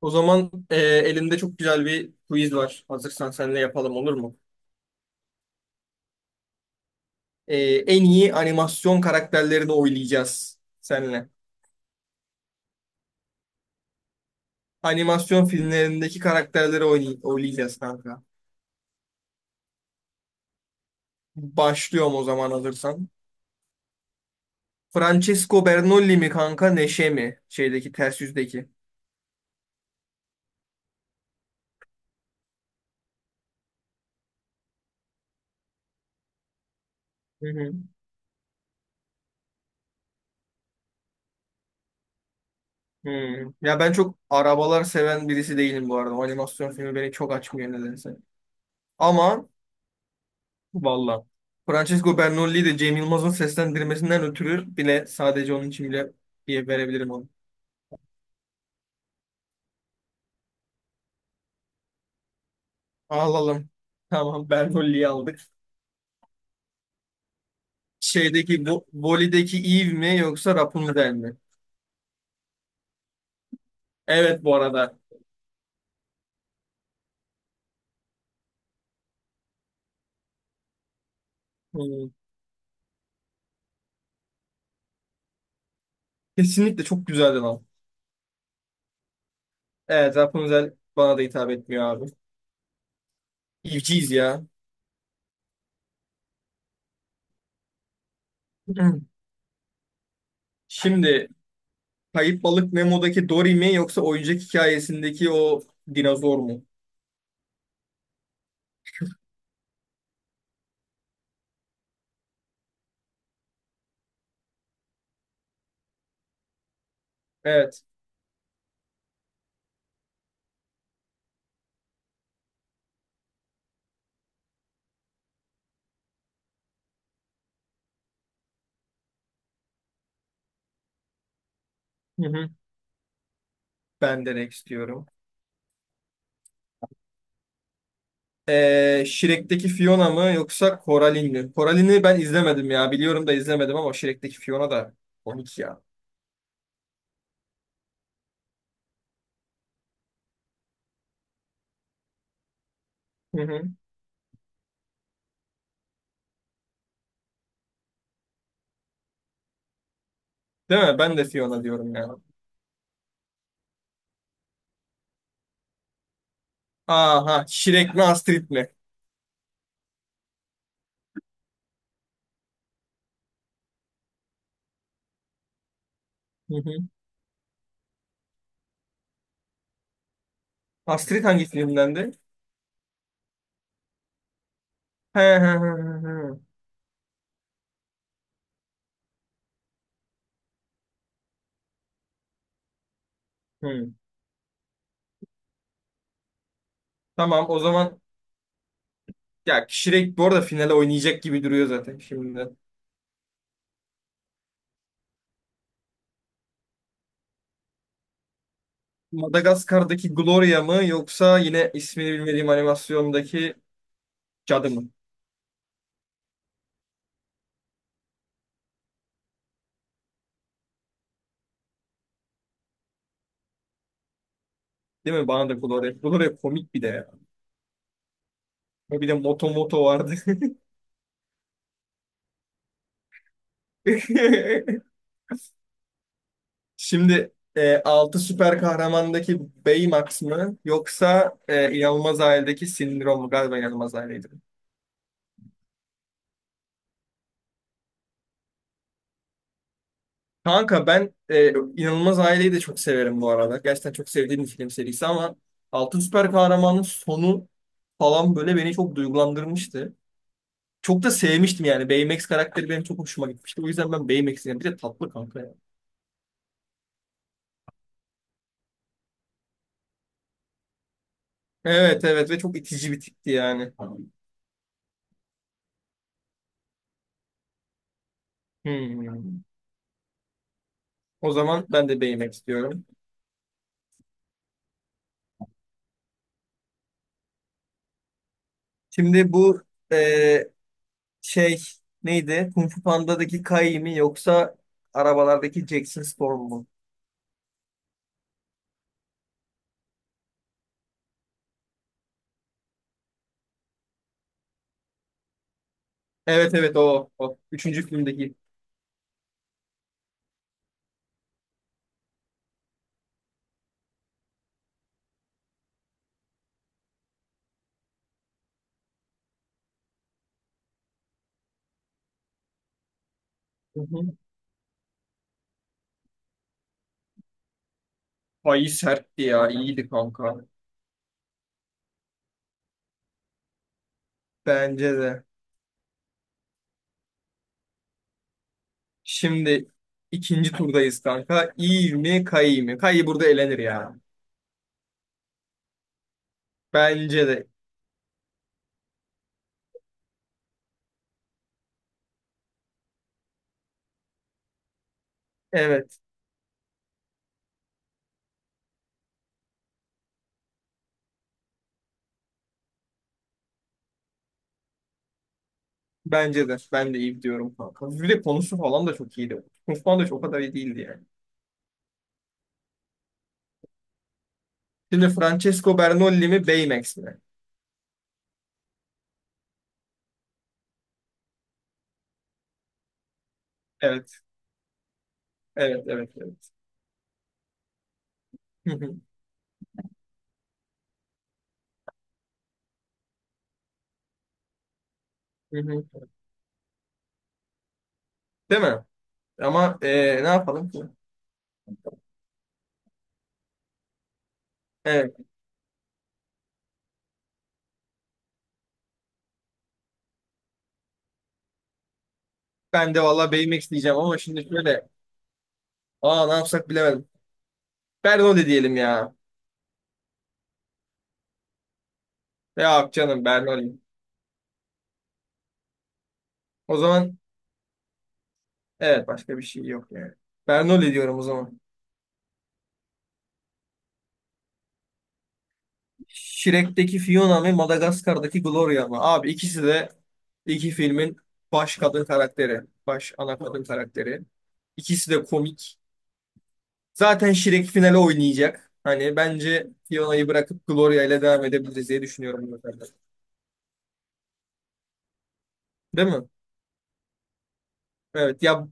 O zaman elimde çok güzel bir quiz var. Hazırsan seninle yapalım, olur mu? E, en iyi animasyon karakterlerini oylayacağız seninle. Animasyon filmlerindeki karakterleri oylayacağız kanka. Başlıyorum o zaman, hazırsan. Francesco Bernoulli mi kanka, Neşe mi? Şeydeki, ters yüzdeki. Hı hı. Hmm. Ya ben çok arabalar seven birisi değilim bu arada. O animasyon filmi beni çok açmıyor nedense. Ama, valla. Francesco Bernoulli'yi de Cem Yılmaz'ın seslendirmesinden ötürü, bile sadece onun için bile diye verebilirim onu. Alalım. Tamam, Bernoulli'yi aldık. Şeydeki bu Voli'deki Eve mi yoksa Rapunzel mi? Evet, bu arada. Hmm. Kesinlikle çok güzeldi lan. Evet, Rapunzel bana da hitap etmiyor abi. Eve'ciyiz ya. Hmm. Şimdi Kayıp Balık Nemo'daki Dory mi yoksa oyuncak hikayesindeki o dinozor mu? Evet. Hı hı. Ben de Rex diyorum. Shrek'teki Fiona mı yoksa Coraline mi? Coraline'i ben izlemedim ya. Biliyorum da izlemedim, ama Shrek'teki Fiona da komik ya. Hı hı. Değil mi? Ben de Fiona diyorum ya. Aha, Shrek mi Astrid mi? Hı hı. Astrid hangi filmdendi? He he he he, he. Hı. Tamam o zaman, ya Shrek bu arada finale oynayacak gibi duruyor zaten şimdi. Madagaskar'daki Gloria mı yoksa yine ismini bilmediğim animasyondaki cadı mı? Değil mi? Bana da Gloria. Gloria komik bir de ya. Bir de Moto Moto vardı. Şimdi 6 süper kahramandaki Baymax mı yoksa İnanılmaz Aile'deki Sindrom mu? Galiba İnanılmaz Aile'ydi. Kanka ben, İnanılmaz Aile'yi de çok severim bu arada. Gerçekten çok sevdiğim bir film serisi, ama 6 Süper Kahraman'ın sonu falan böyle beni çok duygulandırmıştı. Çok da sevmiştim yani. Baymax karakteri benim çok hoşuma gitmişti. O yüzden ben Baymax'i yani. Bir de tatlı kanka ya. Evet, evet, ve çok itici bir tipti yani. Hmm. O zaman ben de Baymax diyorum. Şimdi bu, eee, şey neydi? Kung Fu Panda'daki Kai mi yoksa arabalardaki Jackson Storm mu? Evet evet, o. Üçüncü filmdeki. Hı hı. Ay, sertti ya. İyiydi kanka. Bence de. Şimdi ikinci turdayız kanka. İyi mi Kai mi? Kai burada elenir ya. Bence de. Evet. Bence de. Ben de iyi diyorum kanka. Bir de konusu falan da çok iyiydi. Kung Fu Panda çok o kadar iyi değildi yani. Şimdi Francesco Bernoulli mi Baymax mi? Evet. Evet. Evet. Evet. Hı hı, hı hı. Değil mi? Ama ne yapalım ki? Evet. Ben de valla BMX diyeceğim, ama şimdi şöyle. Aa, ne yapsak, bilemedim. Bernoulli diyelim ya. Ya, canım Bernoulli. O zaman, evet, başka bir şey yok yani. Bernoulli diyorum o zaman. Shrek'teki Fiona ve Madagaskar'daki Gloria mı? Abi, ikisi de iki filmin baş kadın karakteri. Baş ana kadın karakteri. İkisi de komik. Zaten Şirek finale oynayacak. Hani bence Fiona'yı bırakıp Gloria ile devam edebiliriz diye düşünüyorum bu sefer. Değil mi? Evet ya,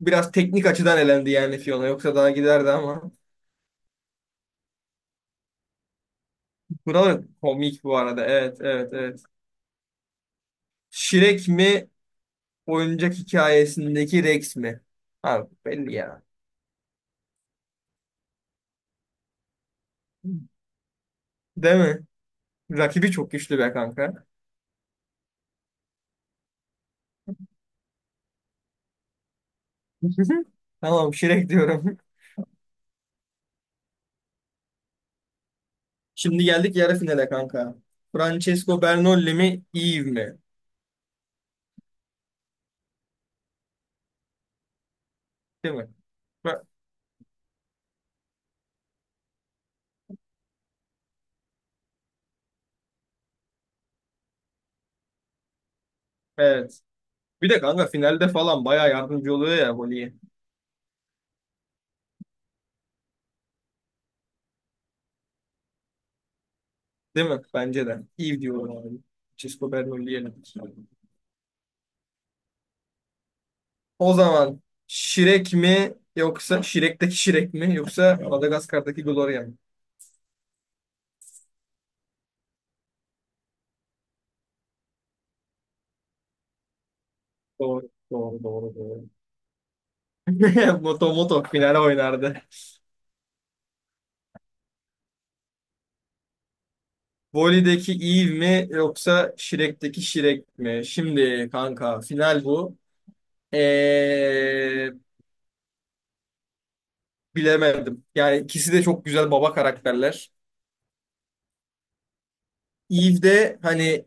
biraz teknik açıdan elendi yani, Fiona yoksa daha giderdi ama. Buralar komik bu arada. Evet, evet, evet. Şirek mi oyuncak hikayesindeki Rex mi? Abi belli ya. Değil mi? Rakibi çok güçlü be kanka. Tamam, Şirek diyorum. Şimdi geldik yarı finale kanka. Francesco Bernolli mi Eve mi? Değil mi? Ba- Evet. Bir de kanka, finalde falan bayağı yardımcı oluyor ya Voli'ye. Değil mi? Bence de. İyi diyorum abi. Cisco Bernoulli'ye. O zaman, Şirek mi, yoksa Şirek'teki Şirek mi, yoksa Madagaskar'daki Gloria mı? Doğru. Doğru, doğru, doğru. Moto Moto finale oynardı. Voli'deki Eve mi yoksa Şirek'teki Şirek mi? Şimdi kanka, final bu. Ee, bilemedim. Yani ikisi de çok güzel baba karakterler. Eve'de hani,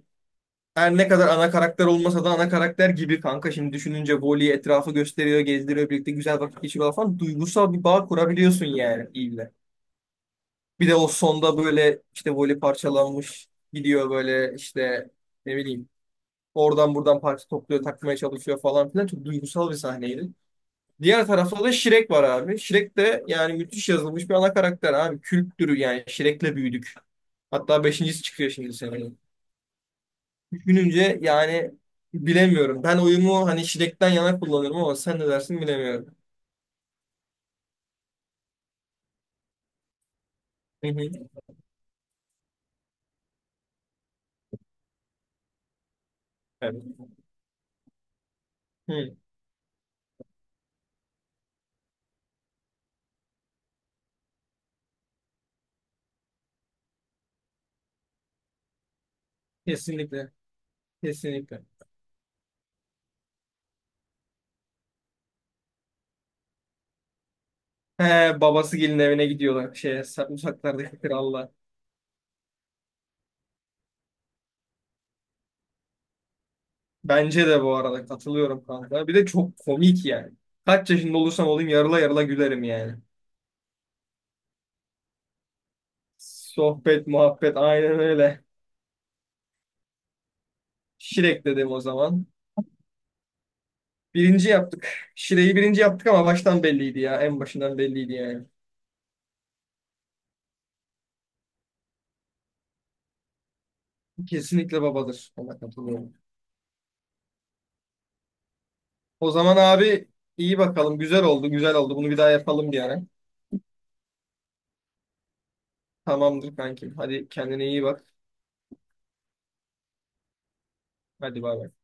her ne kadar ana karakter olmasa da ana karakter gibi kanka. Şimdi düşününce, Voli etrafı gösteriyor, gezdiriyor, birlikte güzel vakit geçiriyor falan. Duygusal bir bağ kurabiliyorsun yani iyiyle. Bir de o sonda böyle işte Voli parçalanmış gidiyor, böyle işte ne bileyim, oradan buradan parça topluyor, takmaya çalışıyor falan filan. Çok duygusal bir sahneydi. Diğer tarafta da Shrek var abi. Shrek de yani müthiş yazılmış bir ana karakter abi. Kültürü, yani Shrek'le büyüdük. Hatta beşincisi çıkıyor şimdi seneye. Düşününce yani, bilemiyorum. Ben oyumu hani şiddetten yana kullanırım, ama sen ne dersin, bilemiyorum. Hı hı. Evet. Hı. Kesinlikle. Kesinlikle. He, babası gelin evine gidiyorlar. Şey, uzaklardaki kralla. Bence de, bu arada katılıyorum kanka. Bir de çok komik yani. Kaç yaşında olursam olayım yarıla yarıla gülerim yani. Sohbet, muhabbet, aynen öyle. Şirek dedim o zaman. Birinci yaptık. Şireyi birinci yaptık, ama baştan belliydi ya. En başından belliydi yani. Kesinlikle babadır. Ona katılıyorum. O zaman abi, iyi bakalım. Güzel oldu, güzel oldu. Bunu bir daha yapalım bir ara. Tamamdır kankim. Hadi kendine iyi bak. Hadi, bay bay.